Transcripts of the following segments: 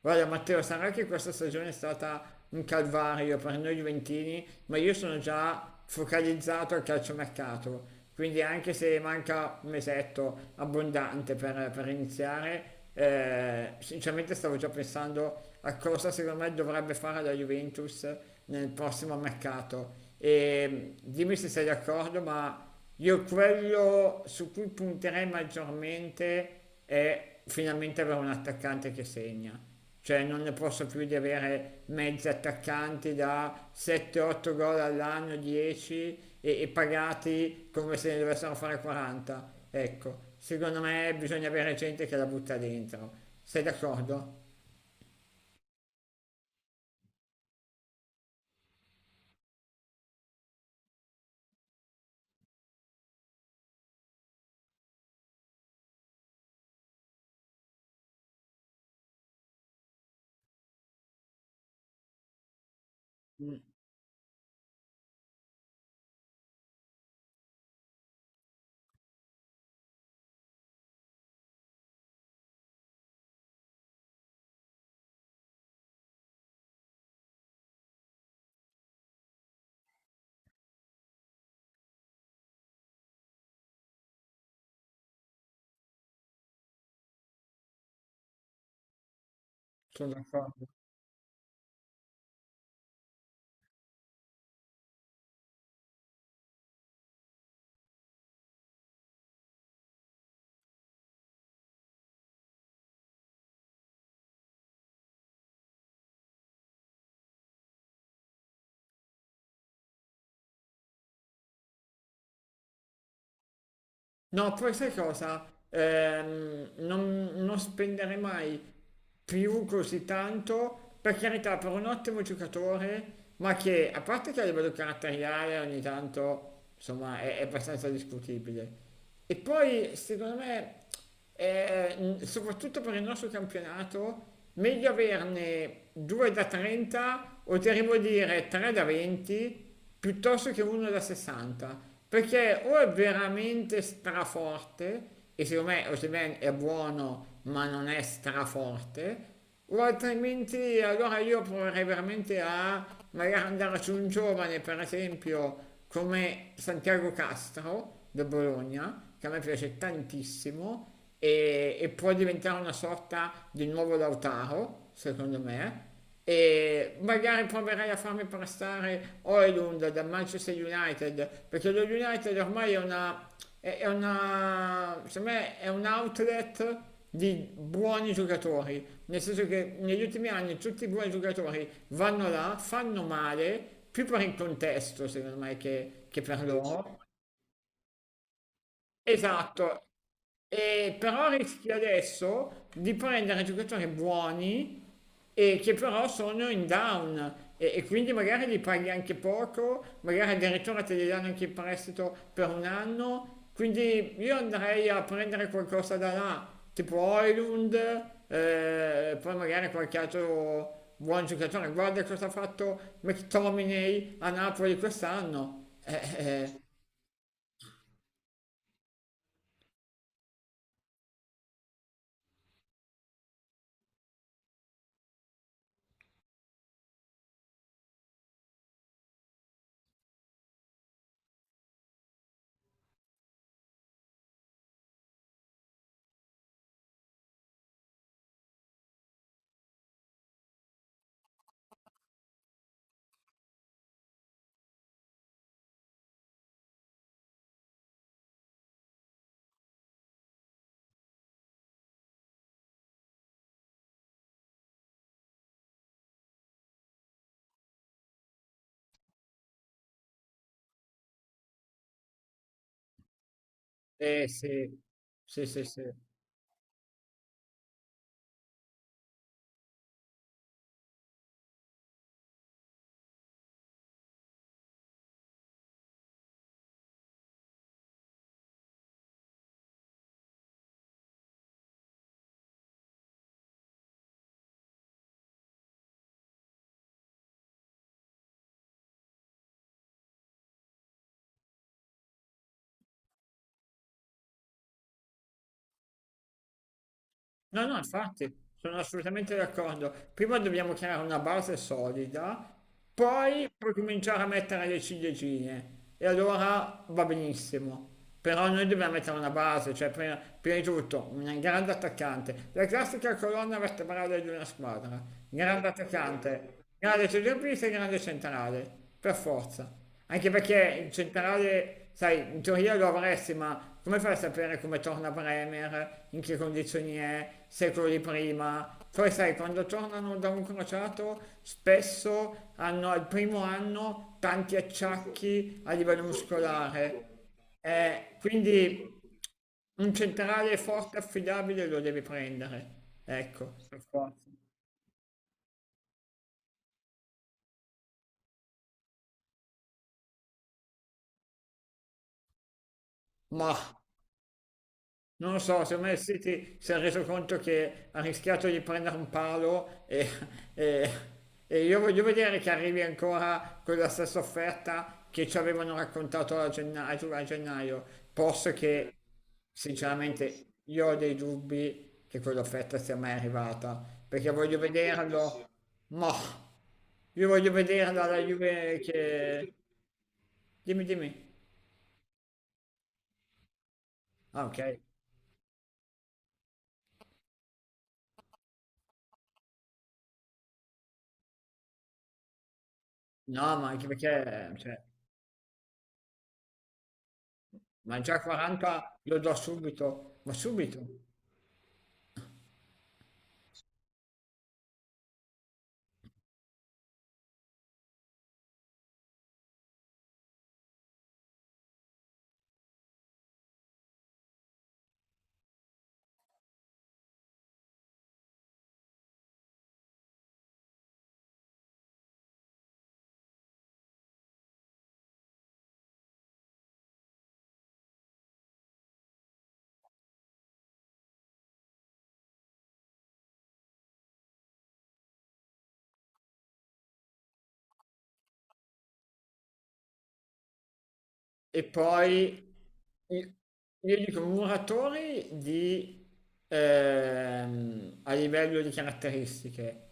Guarda Matteo, sarà che questa stagione è stata un calvario per noi Juventini, ma io sono già focalizzato al calciomercato, quindi anche se manca un mesetto abbondante per iniziare, sinceramente stavo già pensando a cosa secondo me dovrebbe fare la Juventus nel prossimo mercato. E dimmi se sei d'accordo, ma io quello su cui punterei maggiormente è finalmente avere un attaccante che segna. Cioè non ne posso più di avere mezzi attaccanti da 7-8 gol all'anno, 10 e pagati come se ne dovessero fare 40. Ecco, secondo me bisogna avere gente che la butta dentro. Sei d'accordo? Mm. Sono d'accordo. No, poi sai cosa? Non spendere mai più così tanto, per carità, per un ottimo giocatore, ma che a parte che a livello caratteriale ogni tanto, insomma, è abbastanza discutibile. E poi, secondo me, soprattutto per il nostro campionato, meglio averne 2 da 30 o ti arrivo a dire 3 da 20 piuttosto che 1 da 60, perché o è veramente straforte, e secondo me Osimhen è buono ma non è straforte, o altrimenti allora io proverei veramente a magari andare su un giovane, per esempio, come Santiago Castro del Bologna, che a me piace tantissimo e può diventare una sorta di nuovo Lautaro, secondo me, e magari proverai a farmi prestare Oilund da Manchester United, perché lo United ormai è una, è una, secondo me è un outlet di buoni giocatori, nel senso che negli ultimi anni tutti i buoni giocatori vanno là, fanno male, più per il contesto secondo me che per loro. Esatto. E però rischia adesso di prendere giocatori buoni e che però sono in down e quindi magari li paghi anche poco, magari addirittura te li danno anche in prestito per un anno, quindi io andrei a prendere qualcosa da là, tipo Oilund, poi magari qualche altro buon giocatore. Guarda cosa ha fatto McTominay a Napoli quest'anno. Sì, sì, sì, sì. No, no, infatti, sono assolutamente d'accordo. Prima dobbiamo creare una base solida, poi puoi cominciare a mettere le ciliegine e allora va benissimo. Però noi dobbiamo mettere una base, cioè prima di tutto un grande attaccante, la classica colonna vertebrale di una squadra, grande attaccante, grande centrocampista e grande centrale, per forza. Anche perché il centrale, sai, in teoria lo avresti, ma come fai a sapere come torna Bremer, in che condizioni è, secoli prima? Poi sai, quando tornano da un crociato, spesso hanno al primo anno tanti acciacchi a livello muscolare. Quindi un centrale forte, e affidabile lo devi prendere. Ecco, per forza. Ma... Non lo so, secondo me il City si è reso conto che ha rischiato di prendere un palo e- e io voglio vedere che arrivi ancora con la stessa offerta che ci avevano raccontato a gennaio, posto che sinceramente io ho dei dubbi che quell'offerta sia mai arrivata, perché voglio vederlo, ma io voglio vederlo alla Juve che... Dimmi, dimmi. Ah, ok. No, ma anche perché, cioè, ma già 40 lo do subito, ma subito. E poi io io dico muratori di, a livello di caratteristiche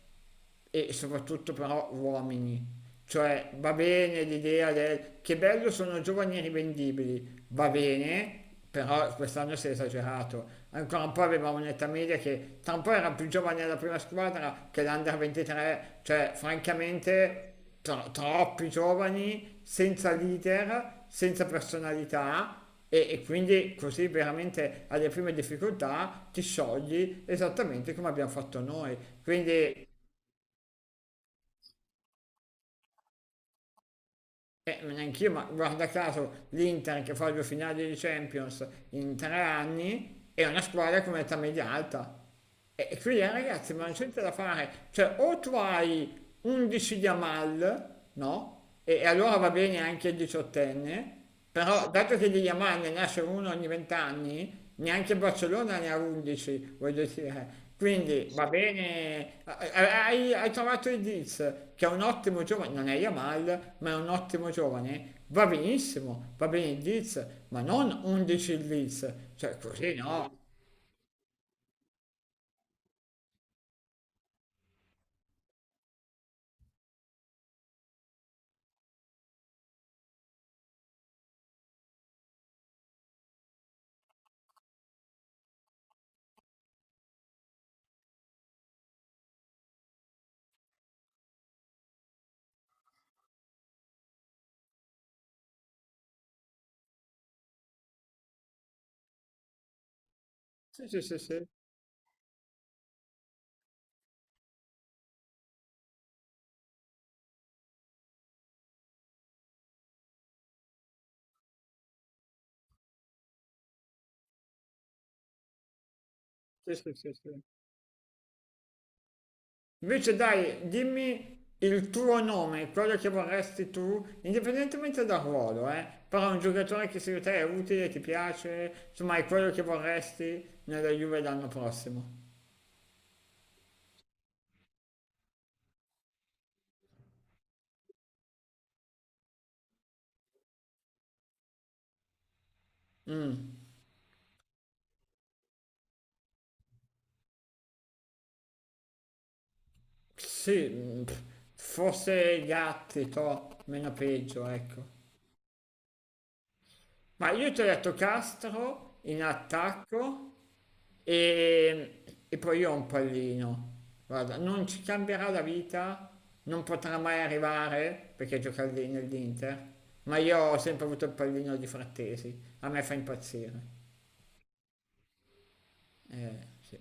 e soprattutto però uomini. Cioè va bene l'idea del che bello sono giovani e rivendibili, va bene, però quest'anno si è esagerato. Ancora un po' aveva un'età media che tra un po' era più giovane della prima squadra che l'Under 23, cioè francamente troppi giovani, senza leader, senza personalità e quindi così veramente alle prime difficoltà ti sciogli esattamente come abbiamo fatto noi. Quindi. Neanche io, ma guarda caso l'Inter che fa due finali di Champions in 3 anni è una squadra con età media alta. E quindi ragazzi, ma non c'è niente da fare. Cioè, o tu hai 11 di Amal, no? E allora va bene anche il diciottenne. Però dato che di Yamal ne nasce uno ogni vent'anni, neanche Barcellona ne ha 11, voglio dire. Quindi va bene, hai trovato il Diz, che è un ottimo giovane, non è Yamal, ma è un ottimo giovane. Va benissimo, va bene il Diz, ma non 11 il Diz, cioè così no. Sì, sì, sì, sì, sì, sì, sì. Sì. Invece dai, dimmi il tuo nome, quello che vorresti tu, indipendentemente dal ruolo, eh? Però un giocatore che secondo te è utile, ti piace, insomma è quello che vorresti nella Juve l'anno prossimo. Sì, forse Gatti, to, meno peggio, ecco. Ma io ti ho detto Castro in attacco. E, e poi io ho un pallino. Guarda, non ci cambierà la vita, non potrà mai arrivare perché gioca lì nell'Inter, ma io ho sempre avuto il pallino di Frattesi, a me fa impazzire. Sì.